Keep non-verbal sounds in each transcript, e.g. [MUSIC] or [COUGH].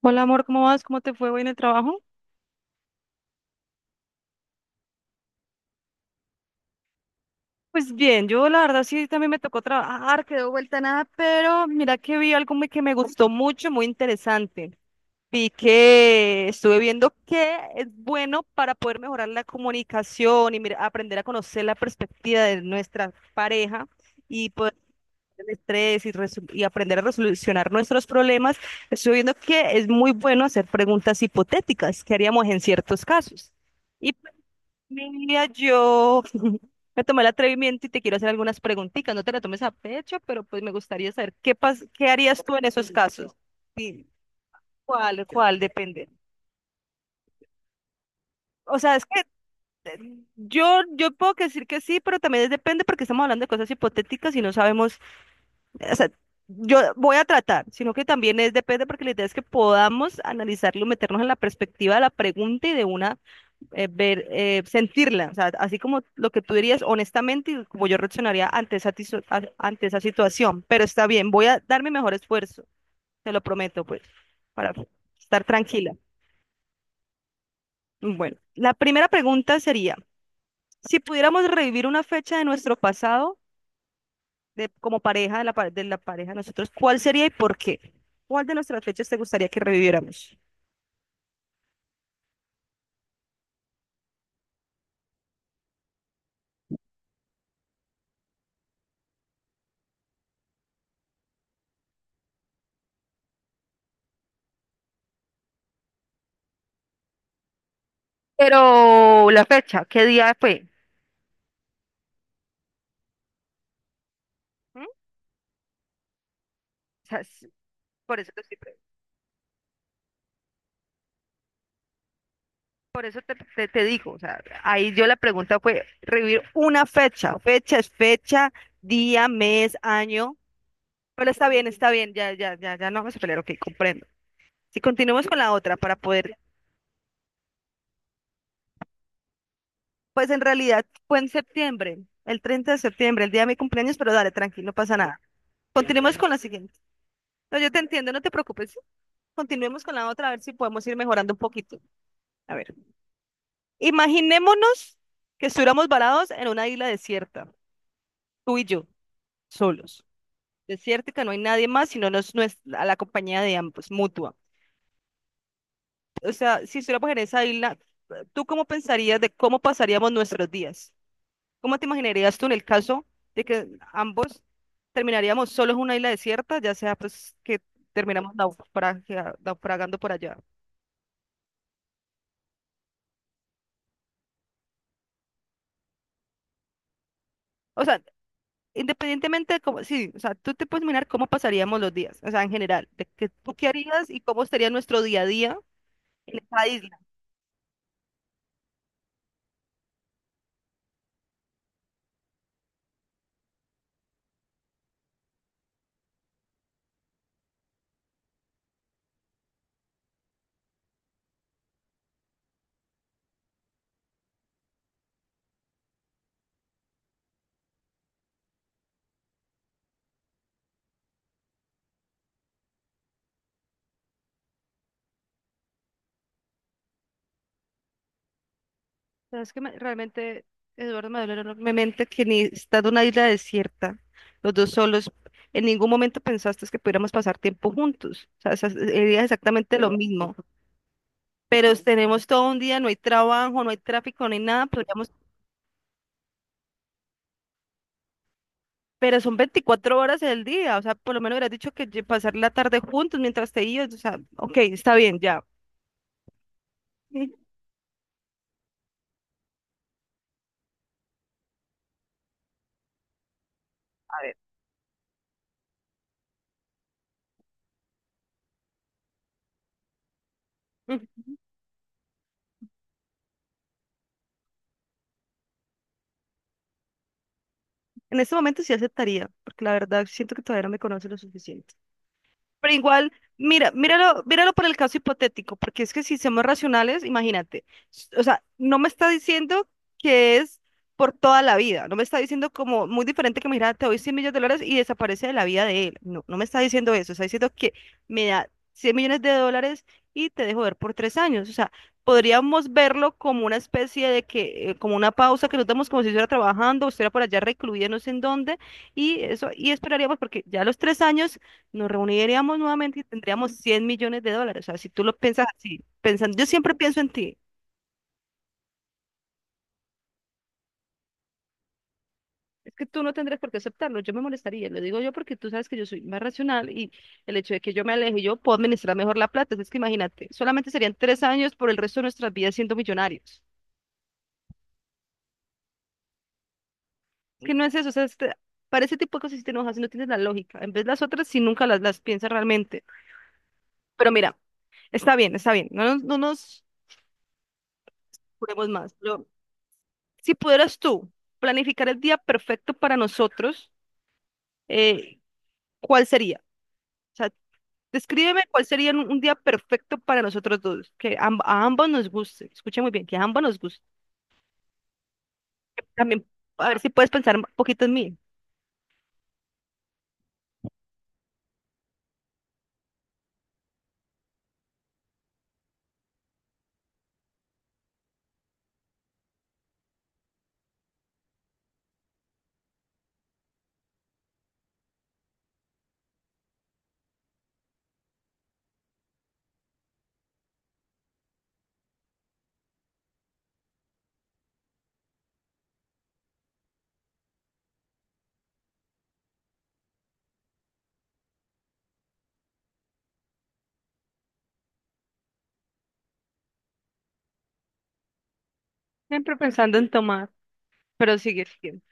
Hola amor, ¿cómo vas? ¿Cómo te fue hoy en el trabajo? Pues bien, yo la verdad sí también me tocó trabajar, quedó vuelta a nada, pero mira que vi algo que me gustó mucho, muy interesante. Vi que estuve viendo que es bueno para poder mejorar la comunicación y mira, aprender a conocer la perspectiva de nuestra pareja y poder el estrés y, y aprender a resolucionar nuestros problemas. Estuve viendo que es muy bueno hacer preguntas hipotéticas que haríamos en ciertos casos. Mira, yo [LAUGHS] me tomé el atrevimiento y te quiero hacer algunas preguntitas. No te la tomes a pecho, pero pues me gustaría saber qué harías tú en esos casos. Sí, ¿cuál depende? O sea, es que eh, yo puedo decir que sí, pero también es depende porque estamos hablando de cosas hipotéticas y no sabemos, o sea, yo voy a tratar, sino que también es depende porque la idea es que podamos analizarlo, meternos en la perspectiva de la pregunta y de una ver, sentirla, o sea, así como lo que tú dirías honestamente y como yo reaccionaría ante esa, ante esa situación. Pero está bien, voy a dar mi mejor esfuerzo, te lo prometo, pues, para estar tranquila. Bueno, la primera pregunta sería, si pudiéramos revivir una fecha de nuestro pasado, como pareja, de la pareja de nosotros, ¿cuál sería y por qué? ¿Cuál de nuestras fechas te gustaría que reviviéramos? Pero la fecha, ¿qué día fue? ¿Mm? O sea, por eso te estoy preguntando. Por eso te digo, o sea, ahí yo la pregunta fue revivir una fecha. Fecha es fecha, día, mes, año. Pero está bien, ya, ya, ya, ya no vamos a pelear, ok, comprendo. Si continuamos con la otra para poder, pues en realidad fue en septiembre, el 30 de septiembre, el día de mi cumpleaños, pero dale, tranquilo, no pasa nada. Continuemos con la siguiente. No, yo te entiendo, no te preocupes. ¿Sí? Continuemos con la otra, a ver si podemos ir mejorando un poquito. A ver, imaginémonos que estuviéramos varados en una isla desierta, tú y yo, solos. Desierto que no hay nadie más, sino a la compañía de ambos, mutua. O sea, si estuviéramos en esa isla, ¿tú cómo pensarías de cómo pasaríamos nuestros días? ¿Cómo te imaginarías tú en el caso de que ambos terminaríamos solos en una isla desierta, ya sea pues que terminamos naufragando por allá? O sea, independientemente de cómo, sí, o sea, tú te puedes mirar cómo pasaríamos los días, o sea, en general, de que tú qué harías y cómo sería nuestro día a día en esa isla. Es que realmente Eduardo me dolió enormemente que ni estando en una isla desierta, los dos solos, en ningún momento pensaste que pudiéramos pasar tiempo juntos. O sea, sería exactamente lo mismo. Pero tenemos todo un día, no hay trabajo, no hay tráfico, no hay nada, podríamos, pero son 24 horas del día. O sea, por lo menos hubieras dicho que pasar la tarde juntos mientras te ibas. O sea, ok, está bien, ya. [LAUGHS] En este momento sí aceptaría, porque la verdad siento que todavía no me conoce lo suficiente. Pero igual, mira, míralo, míralo por el caso hipotético, porque es que si somos racionales, imagínate, o sea, no me está diciendo que es por toda la vida, no me está diciendo como muy diferente que, mira, te doy $100 millones y desaparece de la vida de él, no, no me está diciendo eso, está diciendo que me da $100 millones y te dejo ver por 3 años, o sea, podríamos verlo como una especie de que, como una pausa que nos damos como si estuviera trabajando, o estuviera por allá recluida, no sé en dónde, y eso, y esperaríamos porque ya a los 3 años nos reuniríamos nuevamente y tendríamos $100 millones. O sea, si tú lo piensas así, pensando, yo siempre pienso en ti. Es que tú no tendrás por qué aceptarlo, yo me molestaría, lo digo yo porque tú sabes que yo soy más racional y el hecho de que yo me aleje, yo puedo administrar mejor la plata, es que imagínate, solamente serían 3 años por el resto de nuestras vidas siendo millonarios. Es que no es eso, o sea, para ese tipo de cosas si te enojas, si no tienes la lógica, en vez de las otras si nunca las piensas realmente. Pero mira, está bien, no nos juremos más. Si pudieras tú planificar el día perfecto para nosotros, eh, ¿cuál sería? O sea, descríbeme cuál sería un día perfecto para nosotros dos, que a ambos nos guste. Escucha muy bien, que a ambos nos guste. También, a ver si puedes pensar un poquito en mí. Siempre pensando en tomar, pero sigue siendo.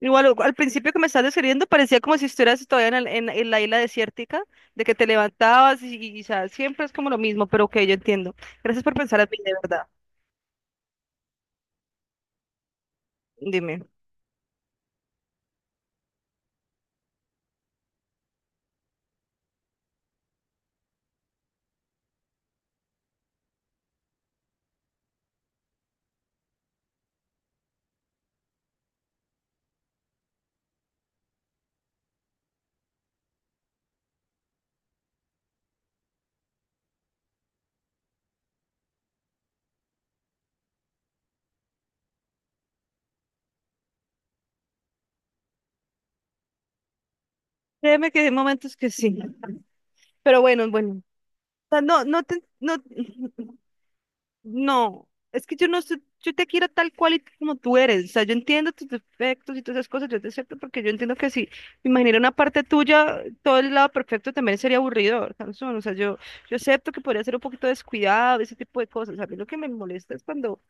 Igual al principio que me estás describiendo parecía como si estuvieras todavía en la isla desértica, de que te levantabas y, o sea, siempre es como lo mismo, pero ok, yo entiendo. Gracias por pensar en mí, de verdad. Dime. Créeme que hay momentos que sí. Pero bueno, bueno. O sea, no, es que yo no sé, yo te quiero tal cual y como tú eres. O sea, yo entiendo tus defectos y todas esas cosas, yo te acepto porque yo entiendo que si me imaginara una parte tuya, todo el lado perfecto también sería aburridor, Sansón. O sea, yo acepto que podría ser un poquito descuidado, ese tipo de cosas. A mí lo que me molesta es cuando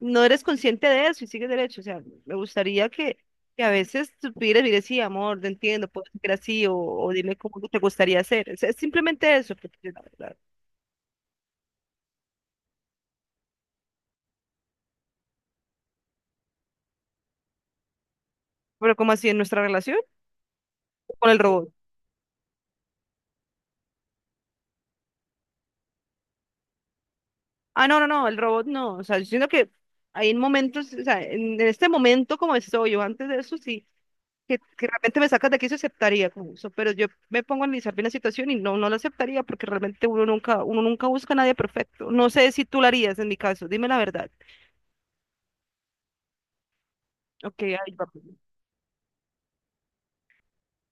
no eres consciente de eso y sigues derecho. O sea, me gustaría que, a veces supieras y sí, amor, te entiendo, puedo ser así o dime cómo te gustaría hacer. Es simplemente eso, porque, la verdad. Pero como así en nuestra relación con el robot. Ah, no, no, no, el robot no. O sea, yo siento que hay momentos, o sea, en este momento como estoy, yo antes de eso sí, que realmente me sacas de aquí se aceptaría como eso, pero yo me pongo a analizar bien la situación y no, no la aceptaría porque realmente uno nunca busca a nadie perfecto. No sé si tú lo harías en mi caso, dime la verdad. Ok, ahí va.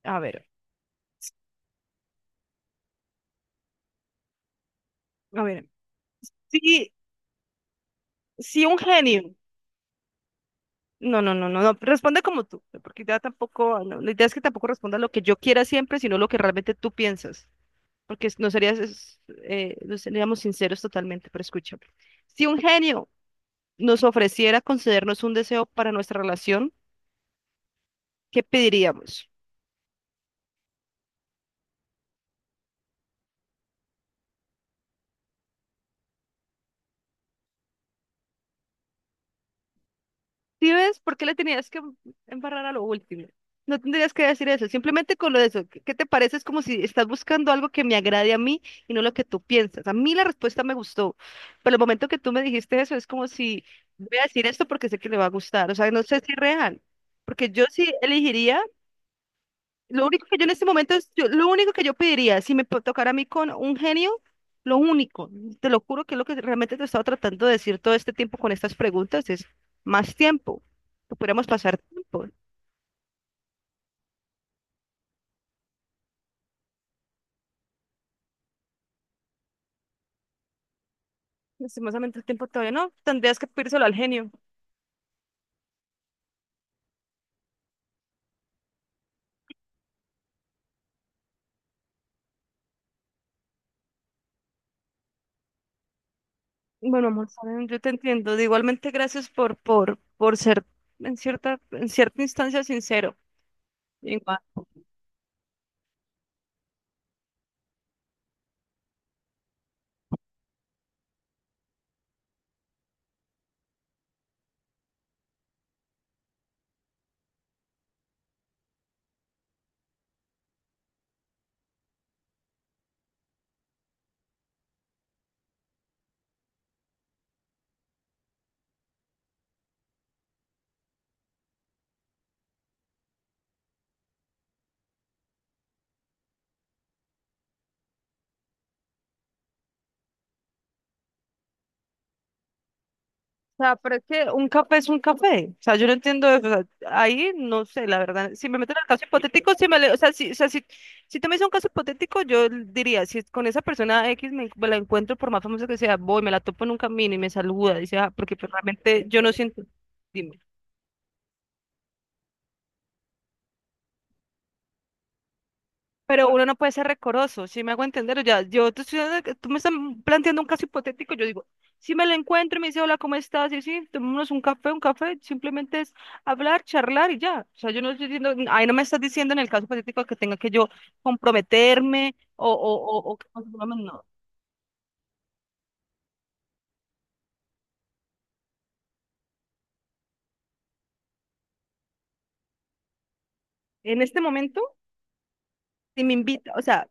A ver, a ver. Sí, sí, un genio. No, no, no, no, no, responde como tú, porque ya tampoco, no, la idea es que tampoco responda lo que yo quiera siempre, sino lo que realmente tú piensas. Porque no serías, no seríamos sinceros totalmente, pero escúchame. Si un genio nos ofreciera concedernos un deseo para nuestra relación, ¿qué pediríamos? ¿Sí ves por qué le tenías que embarrar a lo último? No tendrías que decir eso, simplemente con lo de eso. ¿Qué te parece? Es como si estás buscando algo que me agrade a mí y no lo que tú piensas. A mí la respuesta me gustó, pero el momento que tú me dijiste eso es como si voy a decir esto porque sé que le va a gustar. O sea, no sé si es real, porque yo sí elegiría. Lo único que yo en este momento es, lo único que yo pediría, si me tocara a mí con un genio, lo único, te lo juro que es lo que realmente te he estado tratando de decir todo este tiempo con estas preguntas, es más tiempo, que pudiéramos pasar tiempo. Lastimosamente el tiempo todavía no, tendrías que pedírselo al genio. Bueno, amor, saben, yo te entiendo. De igualmente, gracias por ser en cierta instancia sincero. Igual. O sea, pero es que un café es un café. O sea, yo no entiendo eso. O sea, ahí no sé, la verdad. Si me meten al caso hipotético, si me le- o sea, o sea, si tú me dices un caso hipotético, yo diría, si es con esa persona X me la encuentro, por más famosa que sea, voy, me la topo en un camino y me saluda, dice, ah, porque pues, realmente yo no siento. Dime. Pero uno no puede ser recoroso, si me hago entender, ya, yo te estoy dando- tú me estás planteando un caso hipotético, yo digo, si me lo encuentro y me dice, hola, ¿cómo estás? Y sí, tomémonos un café, simplemente es hablar, charlar y ya. O sea, yo no estoy diciendo, ahí no me estás diciendo en el caso hipotético que tenga que yo comprometerme no. No, en este momento, si me invita, o sea,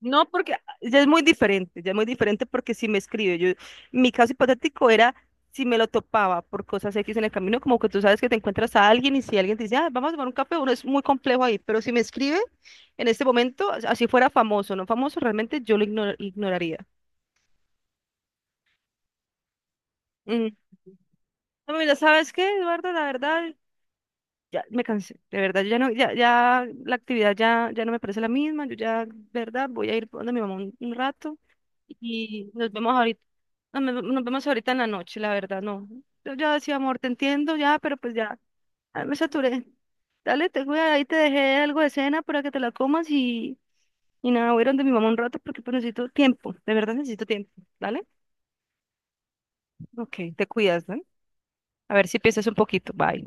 no, porque ya es muy diferente, ya es muy diferente porque si me escribe, mi caso hipotético era si me lo topaba por cosas X en el camino, como que tú sabes que te encuentras a alguien y si alguien te dice, ah, vamos a tomar un café, uno es muy complejo ahí, pero si me escribe en este momento, así fuera famoso, no famoso, realmente yo lo ignoraría. Mm. No, mira, ¿sabes qué, Eduardo? La verdad, ya me cansé, de verdad, yo ya no, ya, ya la actividad ya, ya no me parece la misma, yo ya, de verdad, voy a ir donde mi mamá un rato y nos vemos ahorita, no, nos vemos ahorita en la noche, la verdad, no. Yo ya decía, amor, te entiendo ya, pero pues ya, me saturé. Dale, ahí te dejé algo de cena para que te la comas y nada, voy a ir donde mi mamá un rato porque pues necesito tiempo, de verdad necesito tiempo, ¿dale? Ok, te cuidas, ¿no? A ver si piensas un poquito, bye.